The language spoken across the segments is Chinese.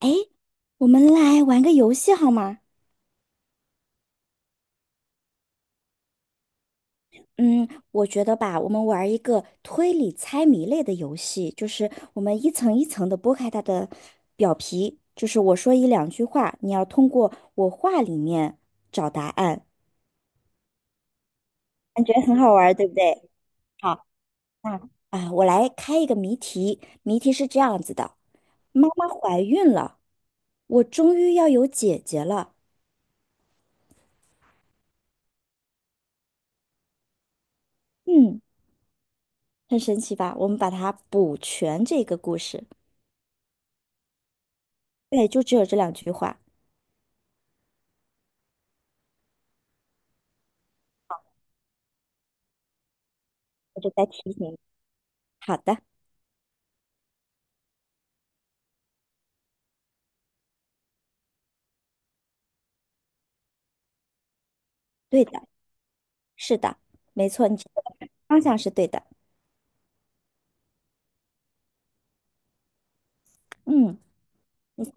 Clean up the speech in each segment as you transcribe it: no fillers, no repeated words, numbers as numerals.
哎，我们来玩个游戏好吗？嗯，我觉得吧，我们玩一个推理猜谜类的游戏，就是我们一层一层的剥开它的表皮，就是我说一两句话，你要通过我话里面找答案，感觉很好玩对不对？啊，我来开一个谜题，谜题是这样子的：妈妈怀孕了，我终于要有姐姐了。嗯，很神奇吧？我们把它补全这个故事，对，就只有这两句话。我就在提醒你。好的，对的，是的，没错，你这个方向是对的。嗯。你。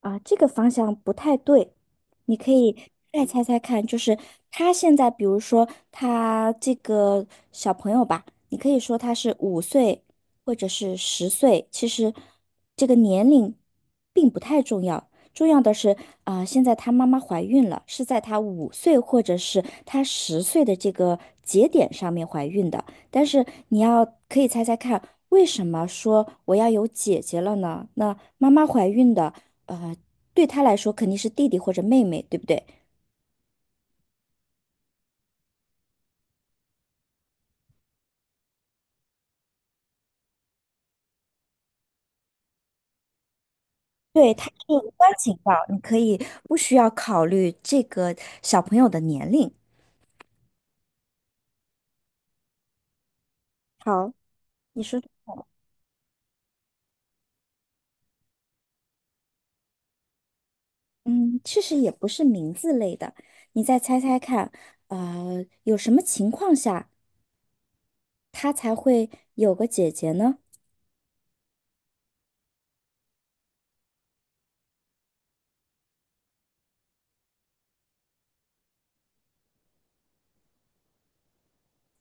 啊，这个方向不太对，你可以再猜猜看，就是他现在，比如说他这个小朋友吧，你可以说他是五岁或者是十岁，其实这个年龄并不太重要，重要的是啊，现在他妈妈怀孕了，是在他五岁或者是他十岁的这个节点上面怀孕的，但是你要可以猜猜看，为什么说我要有姐姐了呢？那？妈妈怀孕的，呃，对她来说肯定是弟弟或者妹妹，对不对？对，她是无关紧要，你可以不需要考虑这个小朋友的年龄。好，你说，嗯，其实也不是名字类的，你再猜猜看，有什么情况下他才会有个姐姐呢？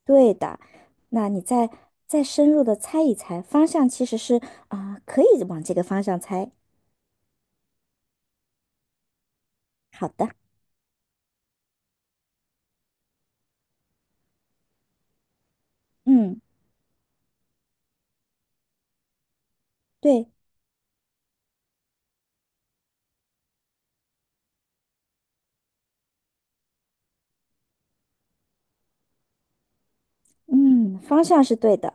对的，那你再深入的猜一猜，方向其实是啊，可以往这个方向猜。好的，嗯，对。嗯，方向是对的，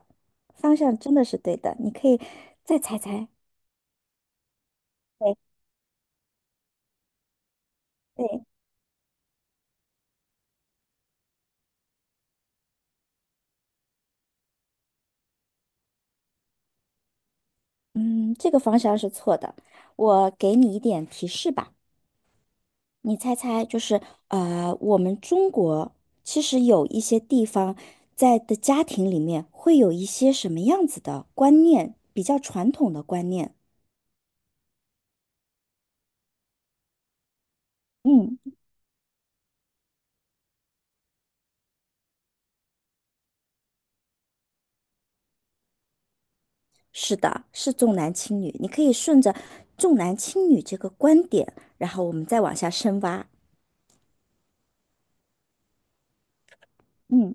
方向真的是对的。你可以再猜猜。对对，嗯，这个方向是错的。我给你一点提示吧，你猜猜，就是我们中国其实有一些地方在的家庭里面会有一些什么样子的观念，比较传统的观念。嗯，是的，是重男轻女。你可以顺着重男轻女这个观点，然后我们再往下深挖。嗯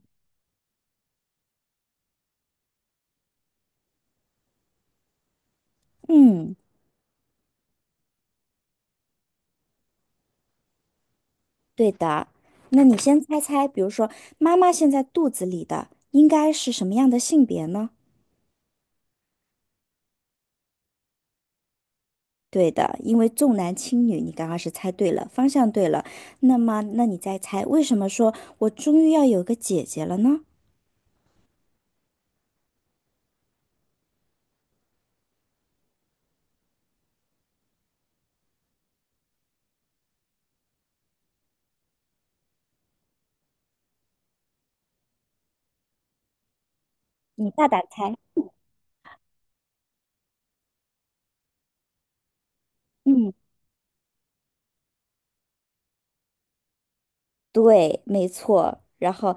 嗯。对的，那你先猜猜，比如说妈妈现在肚子里的应该是什么样的性别呢？对的，因为重男轻女，你刚刚是猜对了，方向对了。那么，那你再猜，为什么说我终于要有个姐姐了呢？你大胆猜。嗯，对，没错。然后，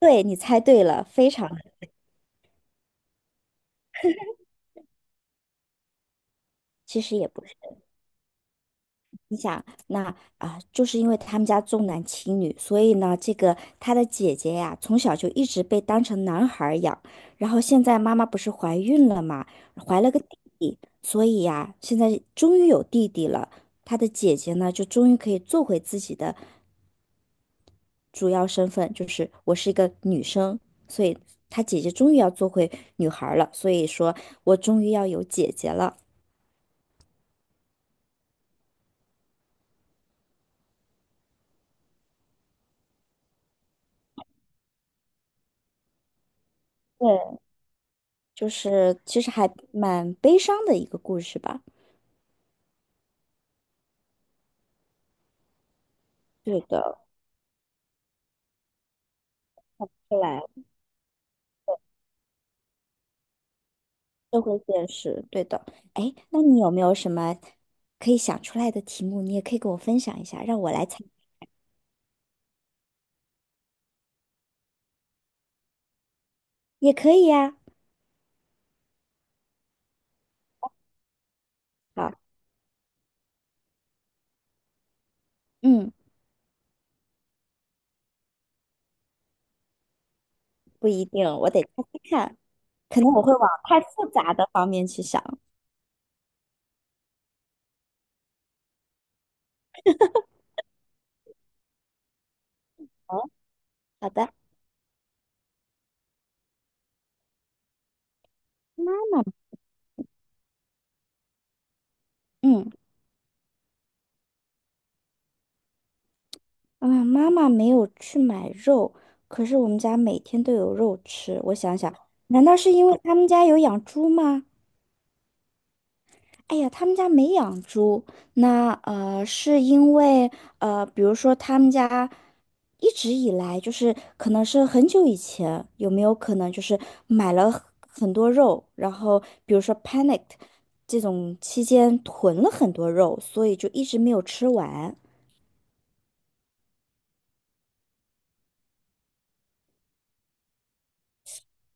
对，你猜对了，非常，其实也不。是。那啊，就是因为他们家重男轻女，所以呢，这个他的姐姐呀，从小就一直被当成男孩儿养。然后现在妈妈不是怀孕了嘛，怀了个弟弟，所以呀，现在终于有弟弟了。他的姐姐呢，就终于可以做回自己的主要身份，就是我是一个女生，所以他姐姐终于要做回女孩儿了。所以说我终于要有姐姐了，对，就是其实还蛮悲伤的一个故事吧。对的。来，社会现实，对的。哎，那你有没有什么可以想出来的题目？你也可以跟我分享一下，让我来猜，也可以呀。好，嗯，不一定，我得猜猜看，可能我会往太复杂的方面去想。哦，好的，妈妈，嗯，啊，妈妈没有去买肉，可是我们家每天都有肉吃。我想想，难道是因为他们家有养猪吗？哎呀，他们家没养猪，那是因为比如说他们家一直以来就是可能是很久以前，有没有可能就是买了很多肉，然后比如说 panicked 这种期间囤了很多肉，所以就一直没有吃完。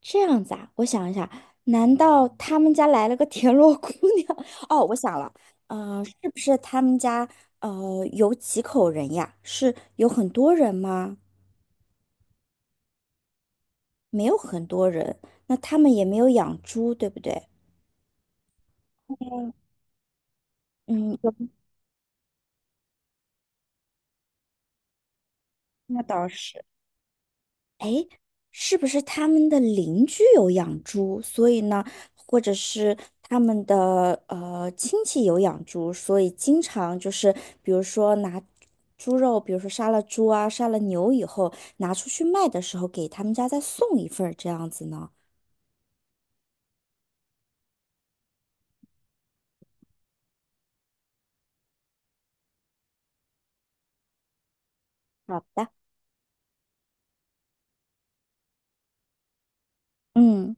这样子啊，我想一下，难道他们家来了个田螺姑娘？哦，我想了，是不是他们家有几口人呀？是有很多人吗？没有很多人，那他们也没有养猪，对不对？嗯，嗯，有那倒是。是不是他们的邻居有养猪，所以呢，或者是他们的亲戚有养猪，所以经常就是比如说拿猪肉，比如说杀了猪啊，杀了牛以后拿出去卖的时候，给他们家再送一份儿这样子呢？好的。嗯，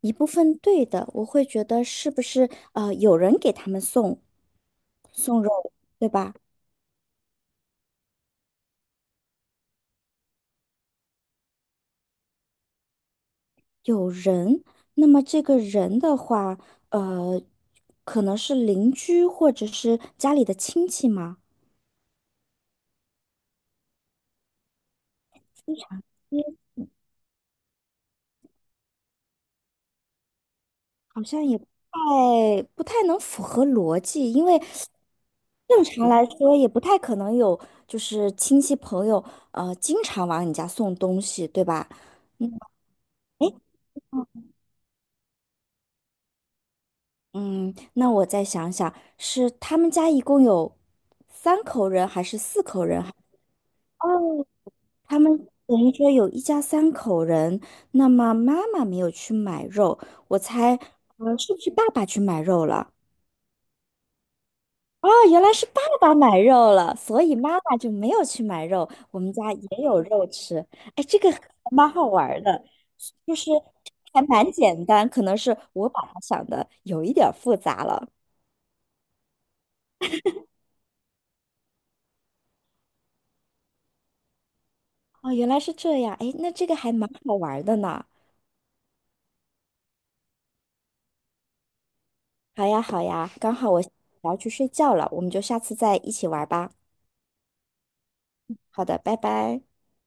一部分对的，我会觉得是不是有人给他们送肉，对吧？有人，那么这个人的话，呃，可能是邻居或者是家里的亲戚吗？非常接好像也不太不太能符合逻辑，因为正常来说也不太可能有就是亲戚朋友经常往你家送东西，对吧？嗯，诶嗯，那我再想想，是他们家一共有三口人，还是四口人？哦。他们等于说有一家三口人，那么妈妈没有去买肉，我猜，是不是爸爸去买肉了？哦，原来是爸爸买肉了，所以妈妈就没有去买肉，我们家也有肉吃。哎，这个还蛮好玩儿的，就是还蛮简单，可能是我把它想的有一点儿复杂了。哦，原来是这样，哎，那这个还蛮好玩儿的呢。好呀，好呀，刚好我要去睡觉了，我们就下次再一起玩儿吧。好的，拜拜。